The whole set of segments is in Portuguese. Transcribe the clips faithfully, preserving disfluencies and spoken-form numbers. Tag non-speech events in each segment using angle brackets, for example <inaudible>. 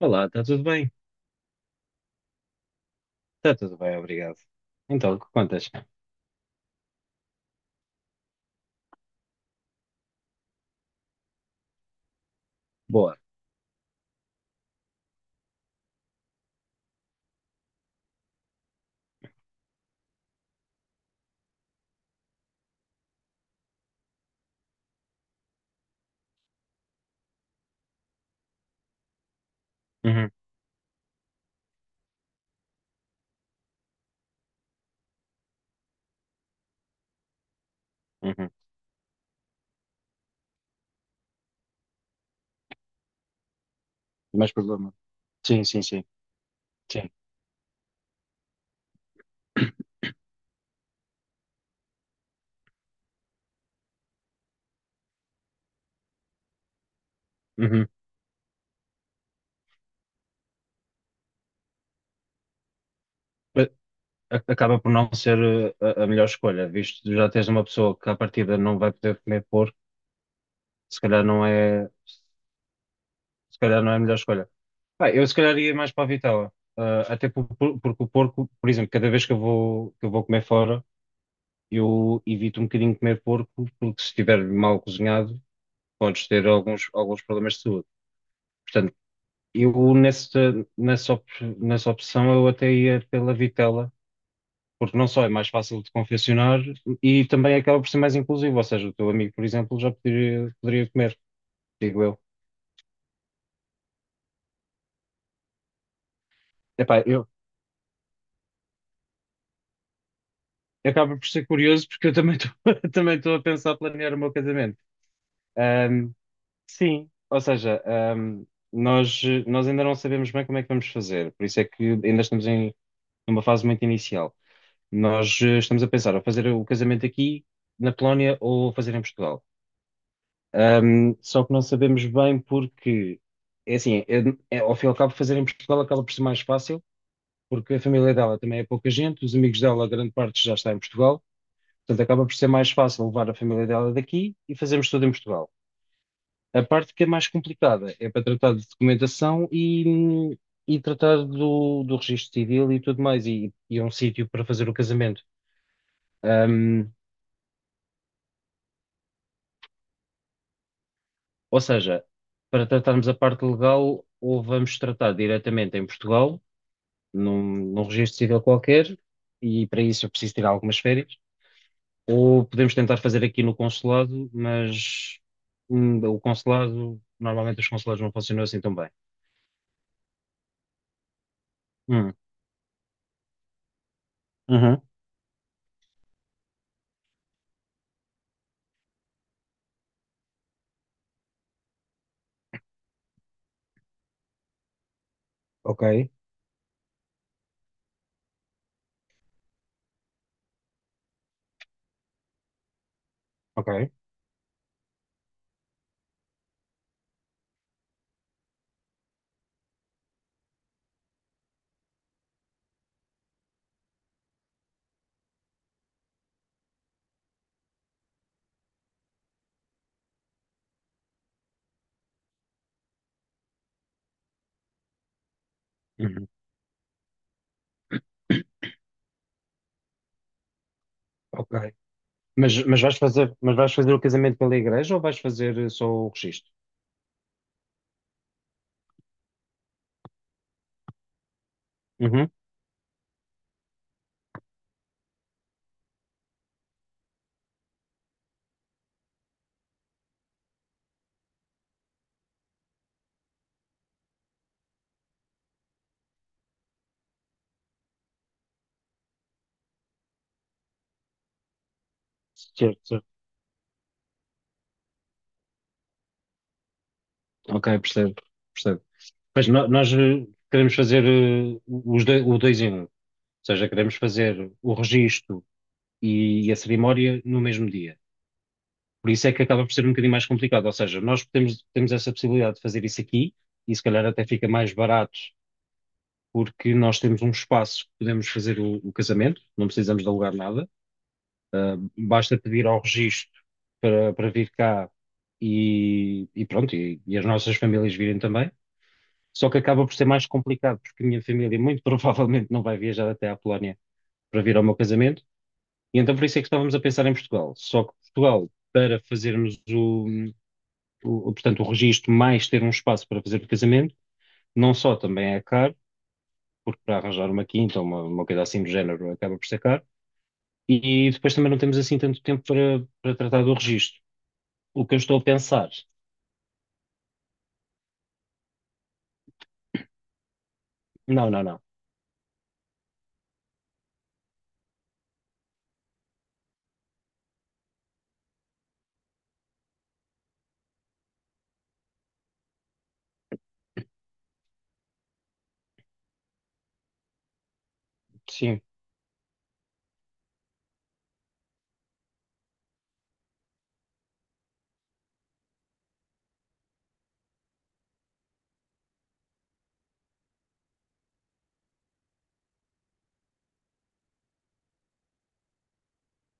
Olá, está tudo bem? Está tudo bem, obrigado. Então, o que contas? Boa. Uhum, uhum. Mais problema. Sim, sim, sim. Sim. Uhum. Mas a- Acaba por não ser uh, a, a melhor escolha, visto que já tens uma pessoa que à partida não vai poder comer porco, se calhar não é, se calhar não é a melhor escolha. Ah, eu se calhar ia mais para a vitela. Ah, até por- por- porque o porco, por exemplo, cada vez que eu vou, que eu vou comer fora, eu evito um bocadinho comer porco, porque se estiver mal cozinhado, podes ter alguns, alguns problemas de saúde. Portanto, Eu nessa, nessa, op- nessa opção eu até ia pela vitela, porque não só é mais fácil de confeccionar e também acaba por ser mais inclusivo, ou seja, o teu amigo, por exemplo, já poderia, poderia comer, digo eu. Epá, eu acaba por ser curioso porque eu também estou <laughs> também estou a pensar planear o meu casamento. Ahm, sim, ou seja. Ahm, nós, nós ainda não sabemos bem como é que vamos fazer, por isso é que ainda estamos em numa fase muito inicial. Nós eh, estamos a pensar a fazer o casamento aqui na Polónia ou fazer em Portugal. Ahm, só que não sabemos bem porque, é assim, é, é- ao fim e ao cabo, fazer em Portugal acaba por ser mais fácil, porque a família dela também é pouca gente, os amigos dela, a grande parte já está em Portugal, portanto acaba por ser mais fácil levar a família dela daqui e fazermos tudo em Portugal. A parte que é mais complicada é para tratar de documentação e, e tratar do, do registro civil e tudo mais, e, e é um sítio para fazer o casamento. Ahm, ou seja, para tratarmos a parte legal, ou vamos tratar diretamente em Portugal num, num registro civil qualquer, e para isso eu preciso tirar algumas férias. Ou podemos tentar fazer aqui no consulado, mas hum, o consulado, normalmente os consulados não funcionam assim tão bem. Hum. Uhum. Ok, ok. Uhum. Ok. Mas, mas vais fazer, mas vais fazer o casamento pela igreja ou vais fazer eh, só o registro? Uhum. Certo, certo. Ok, percebo, percebo. Mas no- nós eh, queremos fazer eh, os doi- o dois em um. Ou seja, queremos fazer o registro e, e a cerimónia no mesmo dia. Por isso é que acaba por ser um bocadinho mais complicado. Ou seja, nós temos, temos essa possibilidade de fazer isso aqui e se calhar até fica mais barato porque nós temos um espaço que podemos fazer o, o casamento, não precisamos de alugar nada. Ah, basta pedir ao registro para, para vir cá e, e pronto, e, e as nossas famílias virem também. Só que acaba por ser mais complicado, porque a minha família muito <laughs> provavelmente não vai viajar até à Polónia para vir ao meu casamento. E então por isso é que estávamos a pensar em Portugal. Só que Portugal, para fazermos o, o- portanto, o registro mais ter um espaço para fazer o casamento, não só também é caro, porque para arranjar uma quinta ou uma, uma coisa assim do género acaba por ser caro, e depois também não temos assim tanto tempo para, para tratar do registro. O que eu estou a pensar, não, não, não. Sim,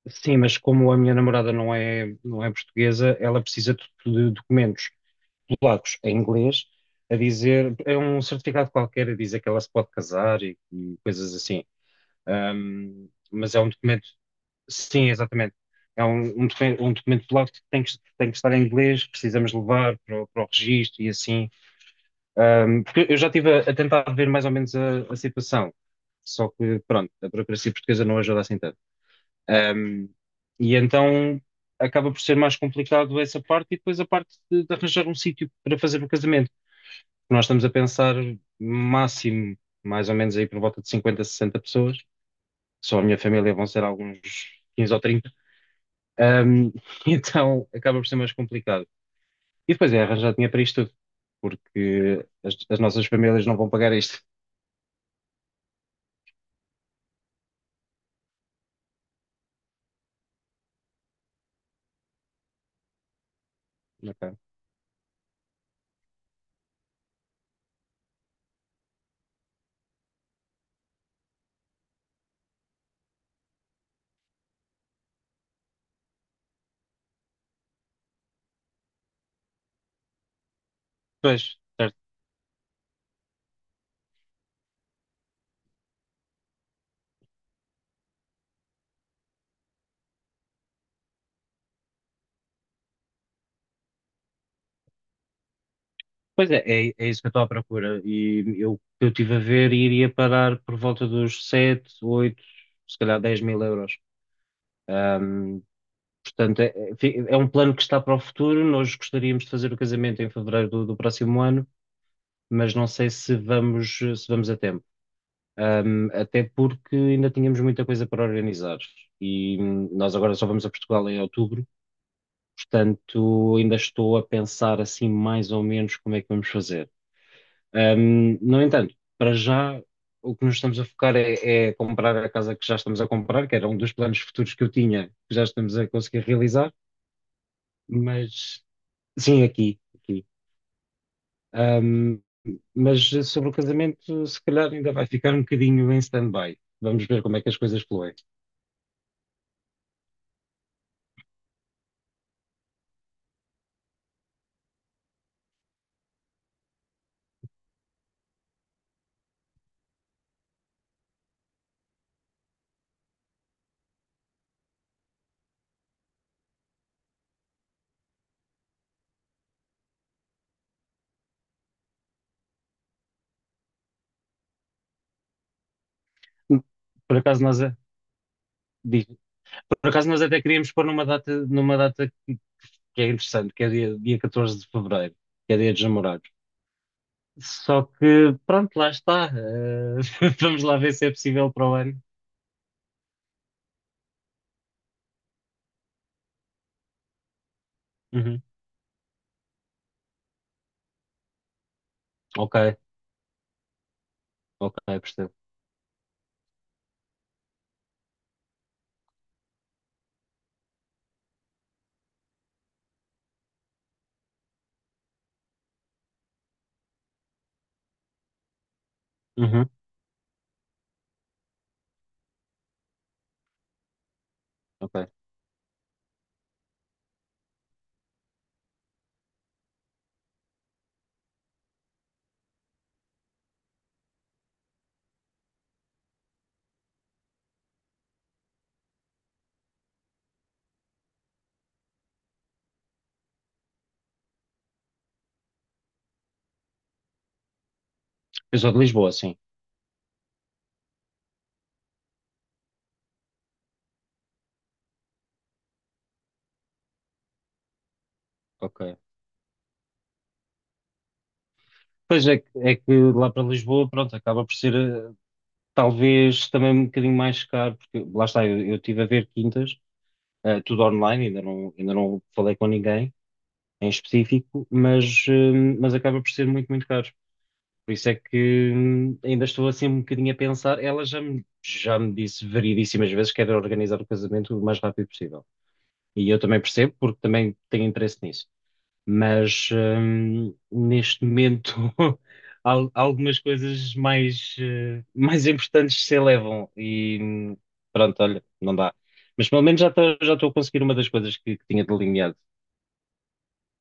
sim, mas como a minha namorada não é, não é portuguesa, ela precisa de, de documentos polacos em inglês a dizer, é um certificado qualquer a dizer que ela se pode casar e, e coisas assim. Ahm, mas é um documento, sim, exatamente. É um, um, docu- um documento polaco que tem que, tem que estar em inglês, precisamos levar para, o- para o registro e assim. Ahm, porque eu já estive a, a tentar ver mais ou menos a, a situação, só que, pronto, a burocracia portuguesa não ajuda assim tanto. Ahm, e então acaba por ser mais complicado essa parte e depois a parte de, de arranjar um sítio para fazer o casamento. Nós estamos a pensar máximo, mais ou menos aí por volta de cinquenta, sessenta pessoas. Só a minha família vão ser alguns quinze ou trinta. Ahm, <laughs> então acaba por ser mais complicado. E depois é arranjar dinheiro para isto tudo, porque as, as nossas famílias não vão pagar isto. Ok. Pois, certo. Pois é, é, é isso que eu estou à procura. E eu, eu estive a ver e iria parar por volta dos sete oito se calhar dez mil euros. Portanto, é, é um plano que está para o futuro. Nós gostaríamos de fazer o casamento em fevereiro do, do próximo ano, mas não sei se vamos, se vamos a tempo. Um, até porque ainda tínhamos muita coisa para organizar e hum, nós agora só vamos a Portugal em outubro, portanto, ainda estou a pensar assim mais ou menos como é que vamos fazer. Um, no entanto, para já o que nos estamos a focar é, é comprar a casa que já estamos a comprar, que era um dos planos futuros que eu tinha, que já estamos a conseguir realizar, mas. Sim, aqui, aqui. Ahm, mas sobre o casamento, se calhar ainda vai ficar um bocadinho em stand-by. Vamos ver como é que as coisas fluem. Por acaso nós, a- diz- por acaso nós até queríamos pôr numa data, numa data que que é interessante, que é dia, dia catorze de fevereiro, que é dia dos namorados. Só que, pronto, lá está. Eh, <laughs> vamos lá ver se é possível para o ano. Uhum. Ok, ok, percebo. Uhum, ok. Eu sou de Lisboa, sim. Ok. Pois é, que- é que lá para Lisboa, pronto, acaba por ser ah, talvez também um bocadinho mais caro, porque lá está, eu, eu estive a ver quintas, eh, tudo online, ainda não, ainda não falei com ninguém em específico, mas, eh, mas acaba por ser muito, muito caro. Por isso é que hum, ainda estou assim um bocadinho a pensar. Ela já me, já me disse variedíssimas vezes que era organizar o casamento o mais rápido possível. E eu também percebo, porque também tenho interesse nisso, mas hum, neste momento <laughs> al- algumas coisas mais, eh, mais importantes se elevam e hum, pronto, olha, não dá. Mas pelo menos já estou já estou a conseguir uma das coisas que, que tinha delineado,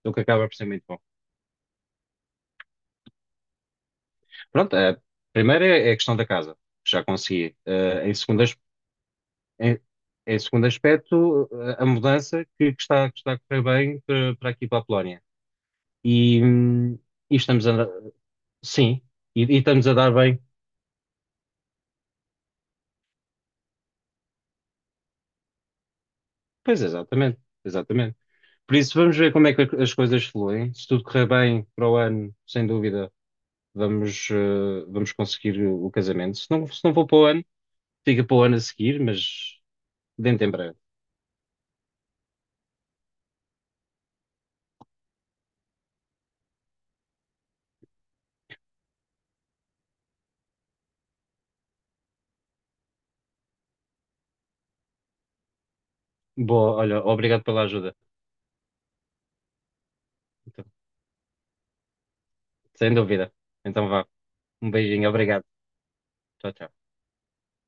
o que acaba por ser muito bom. Pronto, a primeira é, é a questão da casa, que já consegui. Eh, em segundo, as- em, em segundo aspecto, eh, a mudança que, que está, que está a correr bem para, para aqui para a Polónia. E, hum, e estamos a, sim, e, e estamos a dar bem. Pois, exatamente, exatamente. Por isso, vamos ver como é que as coisas fluem. Se tudo correr bem para o ano, sem dúvida, vamos, eh, vamos conseguir o, o casamento. Se não, se não for para o ano, fica para o ano a seguir, mas dentro em breve. Boa, olha, obrigado pela ajuda. Então, Sem dúvida. Então vá. Um beijinho, obrigado. Tchau, tchau.